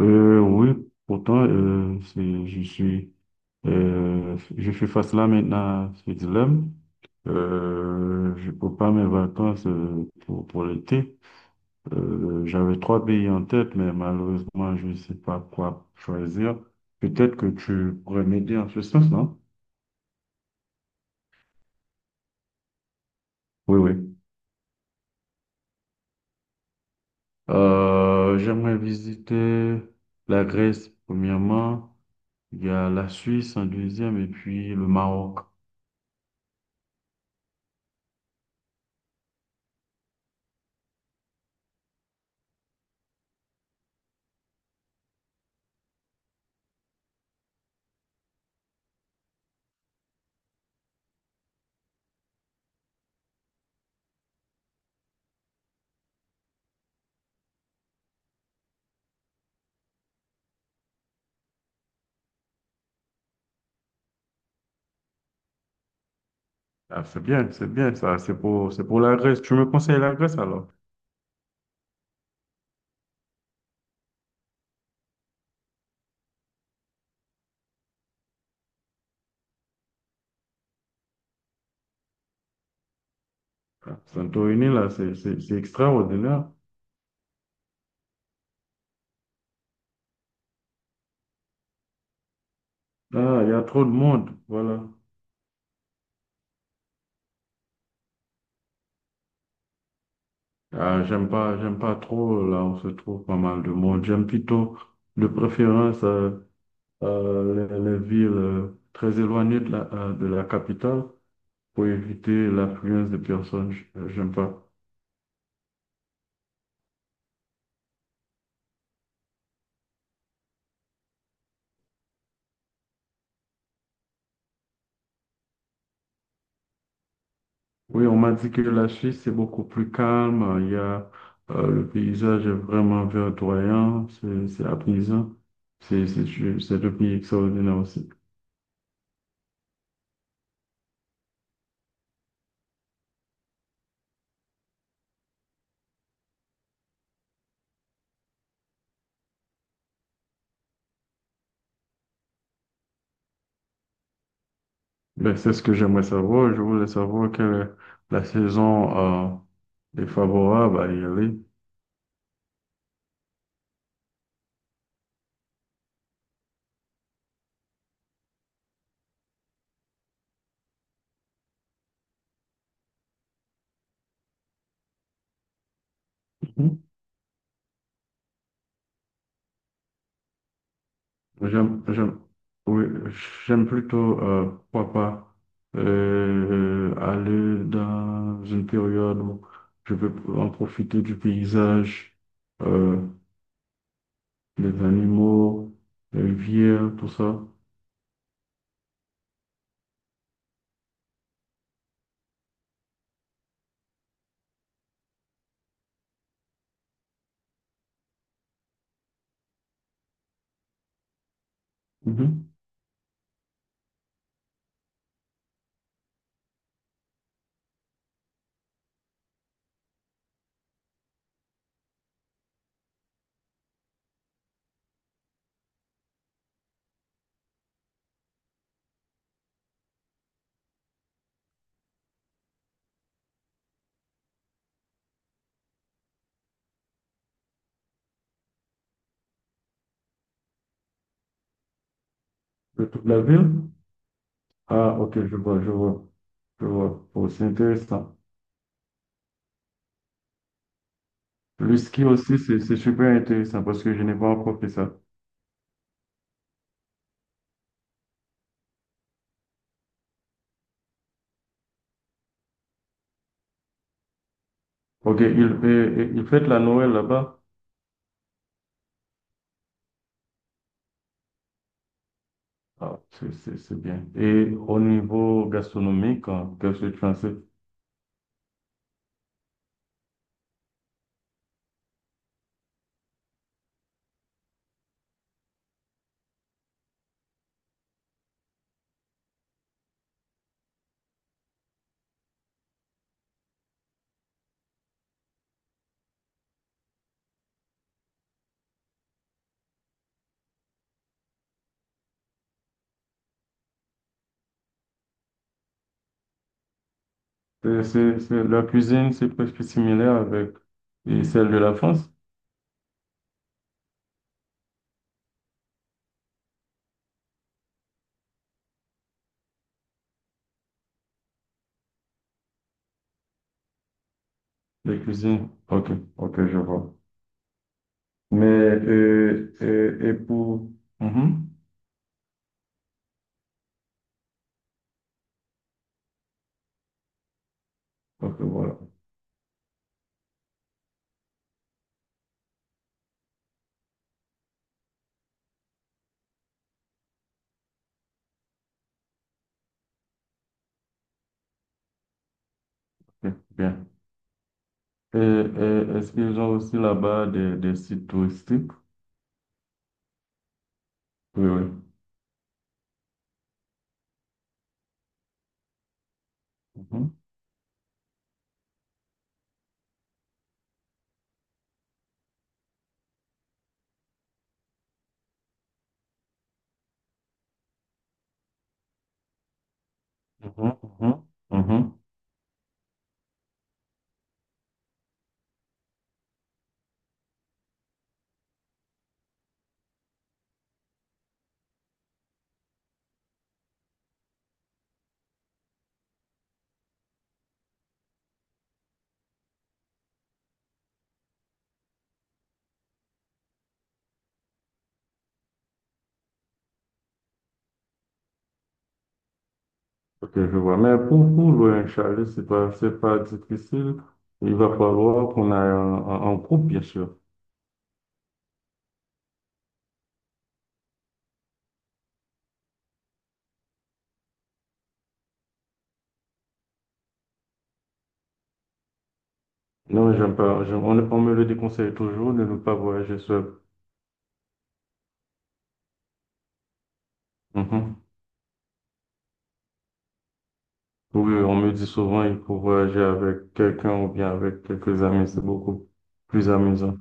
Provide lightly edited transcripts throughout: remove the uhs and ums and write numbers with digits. Oui, pourtant, je suis face là maintenant à ce dilemme. Je peux pas mes vacances pour l'été. J'avais trois pays en tête, mais malheureusement, je ne sais pas quoi choisir. Peut-être que tu pourrais m'aider en ce sens, non? Oui, oui. J'aimerais visiter la Grèce, premièrement. Il y a la Suisse en deuxième et puis le Maroc. Ah, c'est bien ça. C'est pour la Grèce. Tu me conseilles la Grèce alors? Ah, Santorini, là, c'est extraordinaire. Ah, il y a trop de monde. Voilà. Ah, j'aime pas trop. Là, on se trouve pas mal de monde. J'aime plutôt, de préférence, les villes très éloignées de la capitale pour éviter l'affluence de personnes. J'aime pas. Oui, on m'a dit que la Suisse, c'est beaucoup plus calme. Il y a, le paysage est vraiment verdoyant, c'est apaisant. C'est c'est c'est un pays extraordinaire aussi. Ben, c'est ce que j'aimerais savoir. Je voulais savoir quelle est la saison est favorable à y aller. Mhm. J'aime, j'aime, oui, j'aime plutôt, pourquoi pas, aller dans une période où je peux en profiter du paysage. euh, les animaux, les vieux, tout ça. Mhm. De toute la ville? Ah, ok, je vois. Oh, c'est intéressant. Le ski aussi, c'est super intéressant parce que je n'ai pas encore fait ça. Ok, il fête la Noël là-bas. Ah, c'est bien. Et au niveau gastronomique, hein, qu'est-ce que tu pensais? La cuisine, c'est presque similaire avec et celle de la France, les cuisines. Ok, ok, je vois. Mais, et pour... Mhm. Ok, voilà. Ok, bien. Et est-ce qu'ils ont aussi là-bas des sites touristiques? Oui, oui. Mhm, mhm, mhm, mhm. Ok, je vois. Mais pour louer un chalet, c'est pas difficile. Il va falloir qu'on aille en, en groupe, bien sûr. Non, j'aime pas. On me le déconseille toujours de ne pas voyager seul. Mhm. Oui, on me dit souvent il faut voyager avec quelqu'un ou bien avec quelques amis. C'est beaucoup plus amusant.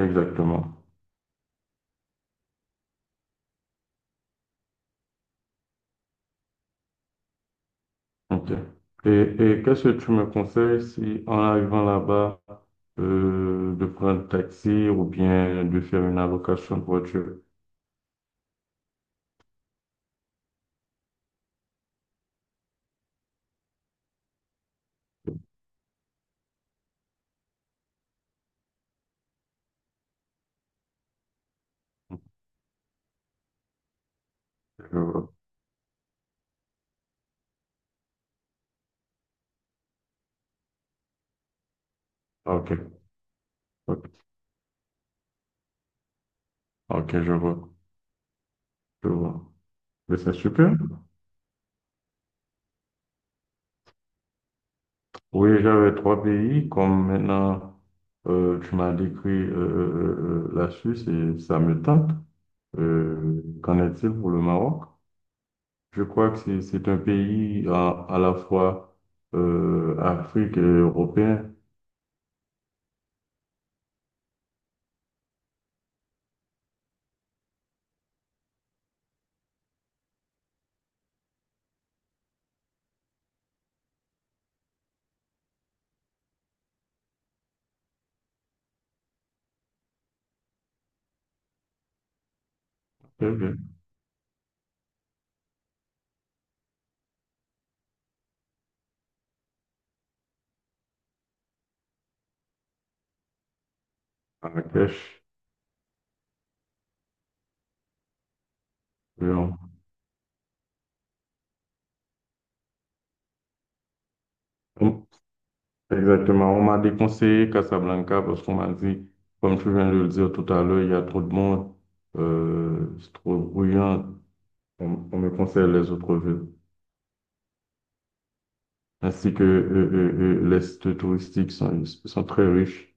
Exactement. Ok. Et, et qu'est-ce que tu me conseilles si en arrivant là-bas, de prendre un taxi ou bien de faire une allocation de voiture? Je vois. Ah, ok, ok, ok, je vois. Mais c'est super. Oui, j'avais trois pays, comme maintenant tu m'as décrit la Suisse et ça me tente. Qu'en est-il pour le Maroc? Je crois que c'est un pays à la fois Afrique et européen. Très bien. Marrakech. euh, on- Exactement. On m'a déconseillé Casablanca parce qu'on m'a dit, comme tu viens de le dire tout à l'heure, il y a trop de monde, c'est trop bruyant. On me conseille les autres villes. Ainsi que les sites touristiques sont très riches.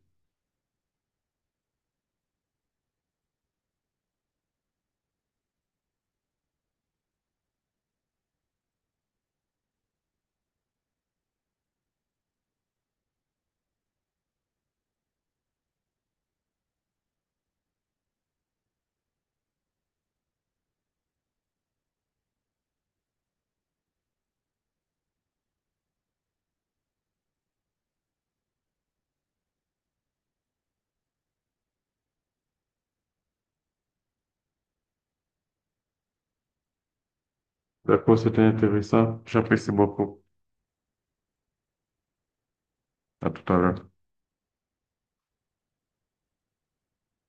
D'accord, c'était intéressant. J'apprécie beaucoup. À tout à l'heure.